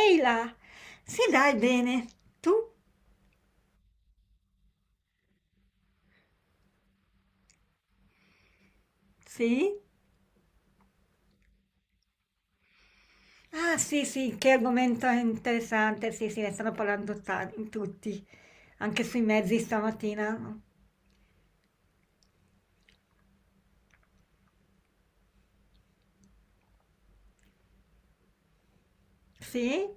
Ehi là, sì dai, bene. Tu? Sì? Ah sì sì, che argomento interessante, sì sì, ne stanno parlando tutti, anche sui mezzi stamattina. Sì?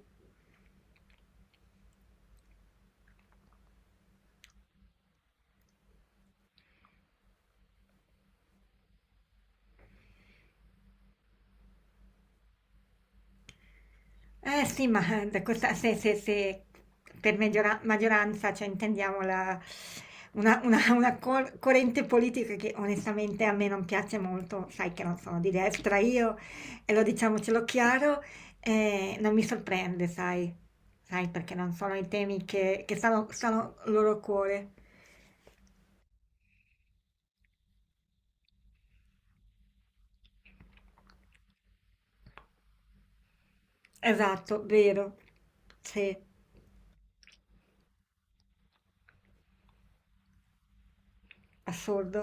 Eh sì, ma da questa, se per maggioranza, cioè intendiamo una corrente politica che onestamente a me non piace molto, sai che non sono di destra io, e lo diciamocelo chiaro, non mi sorprende, sai, perché non sono i temi che stanno al loro cuore. Esatto, vero, sì, assurdo.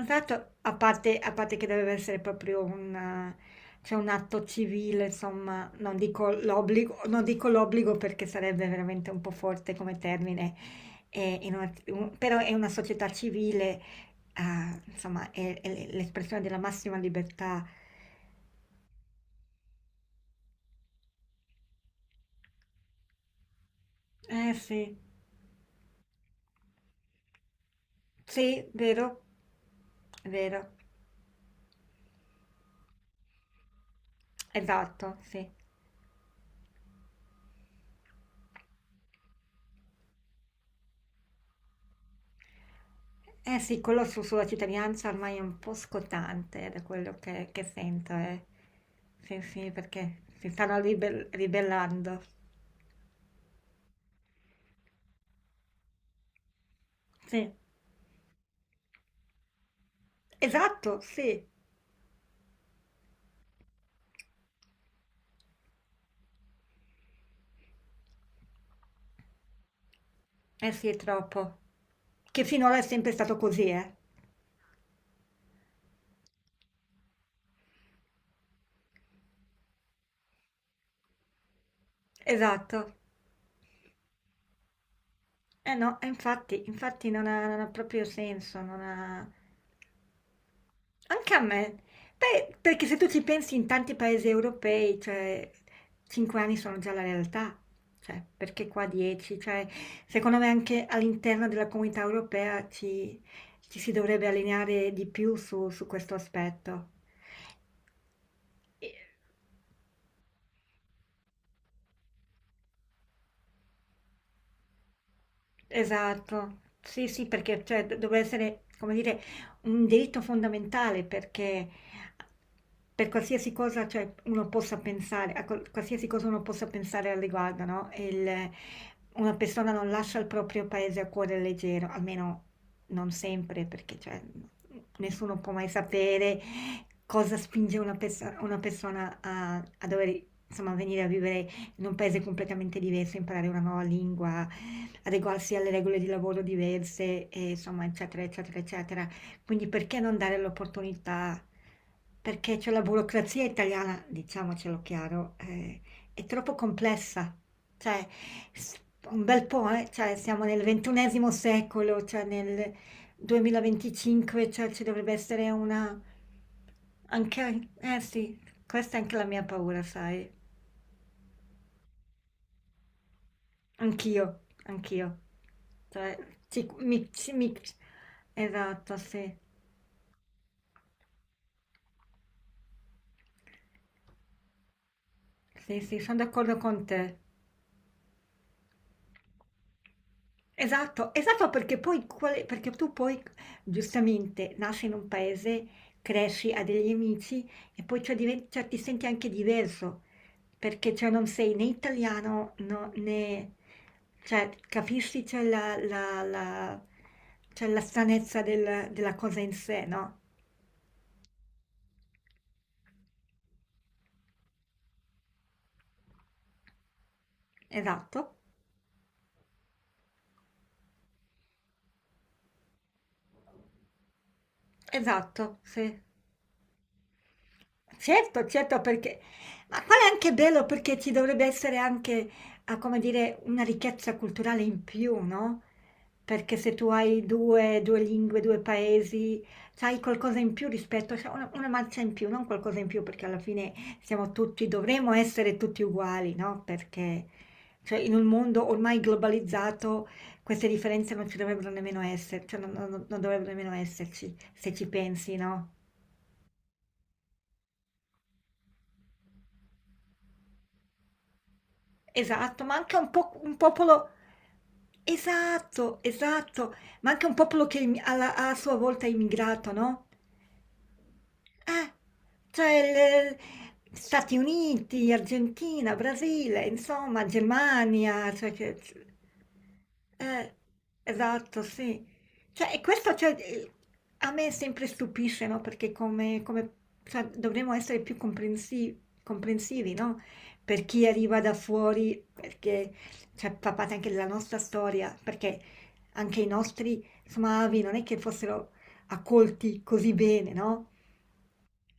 Esatto, a parte che deve essere proprio un cioè un atto civile, insomma, non dico l'obbligo non dico l'obbligo perché sarebbe veramente un po' forte come termine, in una u però è una società civile, insomma è l'espressione della massima libertà. Eh sì, sì, vero. Vero, esatto, sì. Eh sì, quello sulla cittadinanza ormai è un po' scottante da quello che sento, eh. Sì, sì, perché si stanno ribellando. Sì, esatto, sì. Eh sì, è troppo. Che finora è sempre stato così, eh. Esatto. Eh no, e infatti non ha proprio senso, non ha... Anche a me. Beh, perché se tu ci pensi in tanti paesi europei, cioè, 5 anni sono già la realtà, cioè, perché qua 10? Cioè, secondo me anche all'interno della comunità europea ci si dovrebbe allineare di più su questo aspetto. Esatto. Sì, sì, perché cioè, dovrebbe essere, come dire, un diritto fondamentale perché per qualsiasi cosa cioè, uno possa pensare, a qualsiasi cosa uno possa pensare al riguardo, no? Una persona non lascia il proprio paese a cuore leggero, almeno non sempre, perché cioè, nessuno può mai sapere cosa spinge una, perso- una persona a, a dover, insomma, venire a vivere in un paese completamente diverso, imparare una nuova lingua, adeguarsi alle regole di lavoro diverse, e insomma, eccetera, eccetera, eccetera. Quindi perché non dare l'opportunità? Perché c'è la burocrazia italiana, diciamocelo chiaro, è troppo complessa. Cioè, s- un bel po', eh? Cioè, siamo nel ventunesimo secolo, cioè nel 2025, cioè ci dovrebbe essere una... Anche, eh sì, questa è anche la mia paura, sai. Anch'io, anch'io. Cioè, ci mi esatto, sì. Sì, sì, son d'accordo con te. Esatto, esatto perché poi quale perché tu poi giustamente nasci in un paese, cresci, hai degli amici e poi cioè diven cioè ti senti anche diverso, perché cioè non sei né italiano, no né cioè capisci cioè la cioè la stranezza della cosa in sé, no? Esatto. Esatto, sì. Certo, certo, perché ma qual è anche bello perché ci dovrebbe essere anche, ah, come dire, una ricchezza culturale in più, no? Perché se tu hai due lingue, due paesi, sai qualcosa in più rispetto, cioè una marcia in più, non qualcosa in più, perché alla fine siamo tutti, dovremmo essere tutti uguali, no? Perché cioè, in un mondo ormai globalizzato queste differenze non ci dovrebbero nemmeno essere, cioè non dovrebbero nemmeno esserci, se ci pensi, no? Esatto, ma anche un po' un popolo esatto, esatto, ma anche un popolo che im alla a sua volta è immigrato, no? Eh, cioè Stati Uniti, Argentina, Brasile, insomma, Germania, cioè che... Eh, esatto, sì. Cioè, e questo cioè, a me sempre stupisce, no? Perché cioè, dovremmo essere più comprensivi, no? Per chi arriva da fuori, perché cioè, fa parte anche della nostra storia, perché anche i nostri, insomma, avi non è che fossero accolti così bene, no?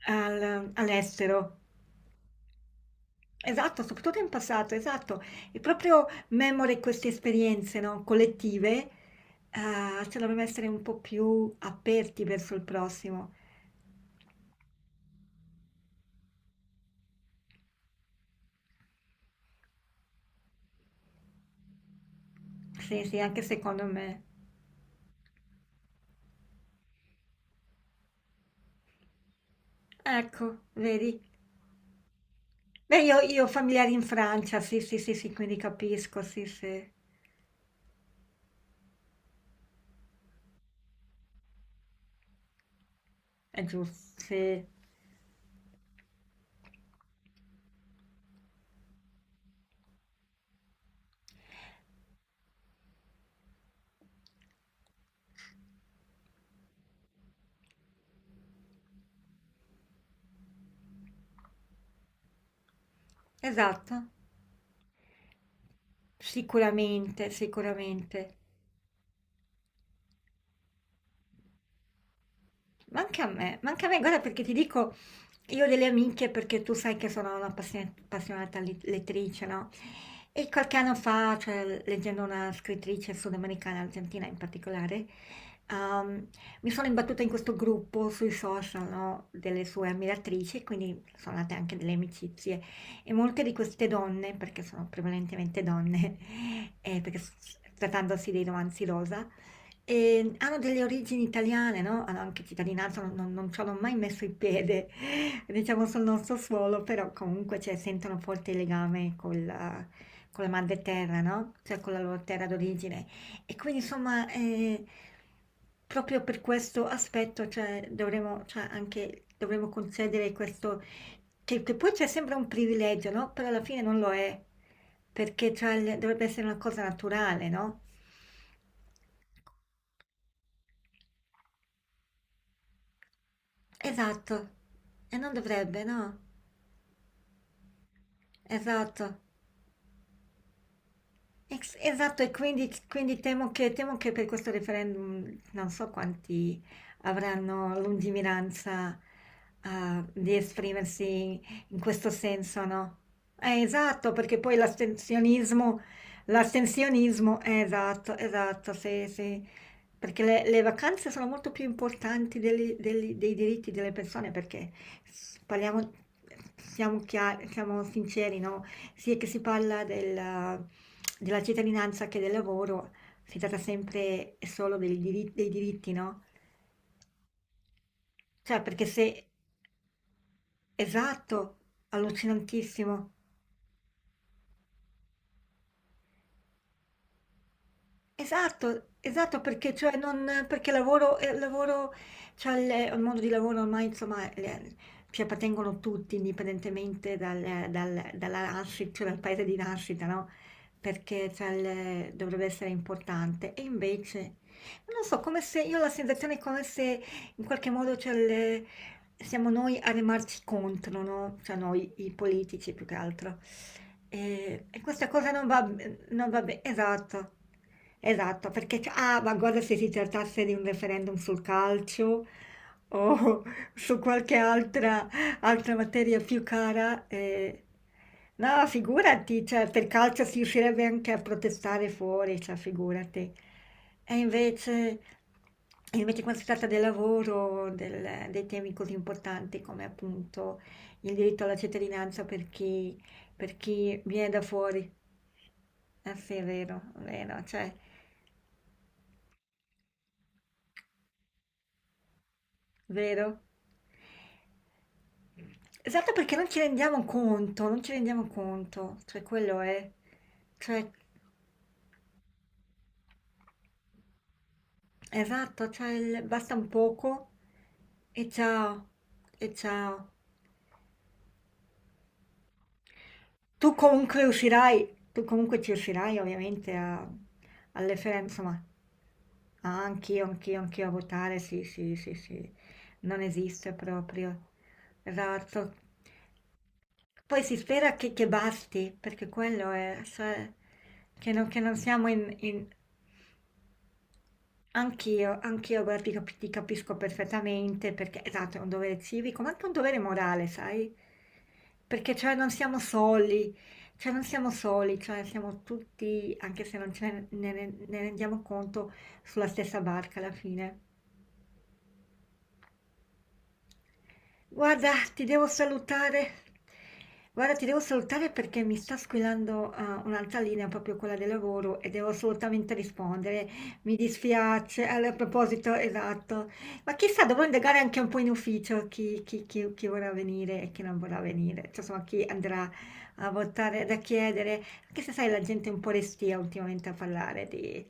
Al All'estero. Esatto, soprattutto in passato, esatto. E proprio memore queste esperienze, no, collettive, se dovremmo essere un po' più aperti verso il prossimo. Sì, sì, anche secondo me. Ecco, vedi? Beh, io ho familiari in Francia, sì, sì, sì, sì, quindi capisco, sì, sì, è gius sì, esatto, sicuramente, sicuramente. Manca a me, guarda perché ti dico, io ho delle amiche perché tu sai che sono una appassionata lettrice, no? E qualche anno fa, cioè, leggendo una scrittrice sudamericana, argentina in particolare, ehm, mi sono imbattuta in questo gruppo sui social, no? Delle sue ammiratrici, quindi sono nate anche delle amicizie. E molte di queste donne, perché sono prevalentemente donne, perché trattandosi dei romanzi rosa, e hanno delle origini italiane, no? Hanno anche cittadinanza, non ci hanno mai messo il piede, diciamo, sul nostro suolo, però comunque cioè, sentono forte il legame con la madre terra, no? Cioè con la loro terra d'origine. E quindi, insomma, proprio per questo aspetto, cioè, dovremmo, cioè, anche, dovremmo concedere questo, che poi c'è sempre un privilegio, no? Però alla fine non lo è, perché cioè, dovrebbe essere una cosa naturale, no? Esatto. E non dovrebbe, no? Esatto. Esatto, e quindi temo che per questo referendum non so quanti avranno lungimiranza, di esprimersi in questo senso, no? Esatto, perché poi l'astensionismo, l'astensionismo, esatto, esatto, sì, sì, perché le vacanze sono molto più importanti dei diritti delle persone, perché parliamo, siamo chiari, siamo sinceri, no? Sì, è che si parla della cittadinanza che del lavoro, si tratta sempre e solo del diri dei diritti, no, cioè perché se esatto, allucinantissimo. Esatto, esatto, perché, cioè, non, perché lavoro, lavoro, cioè il mondo di lavoro ormai insomma ci appartengono tutti, indipendentemente dal, dalla nascita, cioè dal paese di nascita, no? Perché cioè, dovrebbe essere importante. E invece, non lo so, come se io ho la sensazione come se in qualche modo cioè, siamo noi a remarci contro, no? Cioè noi i politici più che altro. E questa cosa non va, bene, esatto, esatto, perché ah, ma guarda se si trattasse di un referendum sul calcio o su qualche altra materia più cara, no, figurati, cioè, per calcio si riuscirebbe anche a protestare fuori, cioè, figurati. E invece, e invece quando si tratta del lavoro, dei temi così importanti come appunto il diritto alla cittadinanza per chi viene da fuori. Eh sì, è vero, cioè, vero? Esatto perché non ci rendiamo conto, non ci rendiamo conto, cioè quello è, cioè, esatto, cioè basta un poco e ciao, e ciao. Tu comunque ci riuscirai ovviamente a, insomma, ah, anch'io, anch'io, anch'io a votare, sì, sì, sì, sì, non esiste proprio, esatto. Poi si spera che basti, perché quello è, cioè, che non siamo in. Anch'io, anch'io, guarda, ti capisco perfettamente, perché esatto, è un dovere civico, ma anche un dovere morale, sai? Perché cioè non siamo soli, cioè non siamo soli, cioè siamo tutti, anche se non ce ne, ne rendiamo conto, sulla stessa barca alla fine. Guarda, ti devo salutare. Guarda, ti devo salutare perché mi sta squillando un'altra linea, proprio quella del lavoro, e devo assolutamente rispondere. Mi dispiace, allora, a proposito, esatto. Ma chissà, dovrò indagare anche un po' in ufficio chi vorrà venire e chi non vorrà venire, cioè, insomma, chi andrà a votare, da chiedere, anche se sai, la gente è un po' restia ultimamente a parlare di,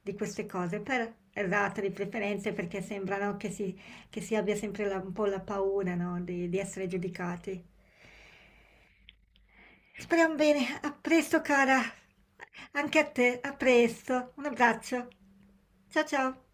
queste cose, esatto, di preferenze, perché sembrano che si abbia sempre un po' la paura, no, di, essere giudicati. Speriamo bene. A presto, cara. Anche a te. A presto. Un abbraccio. Ciao ciao.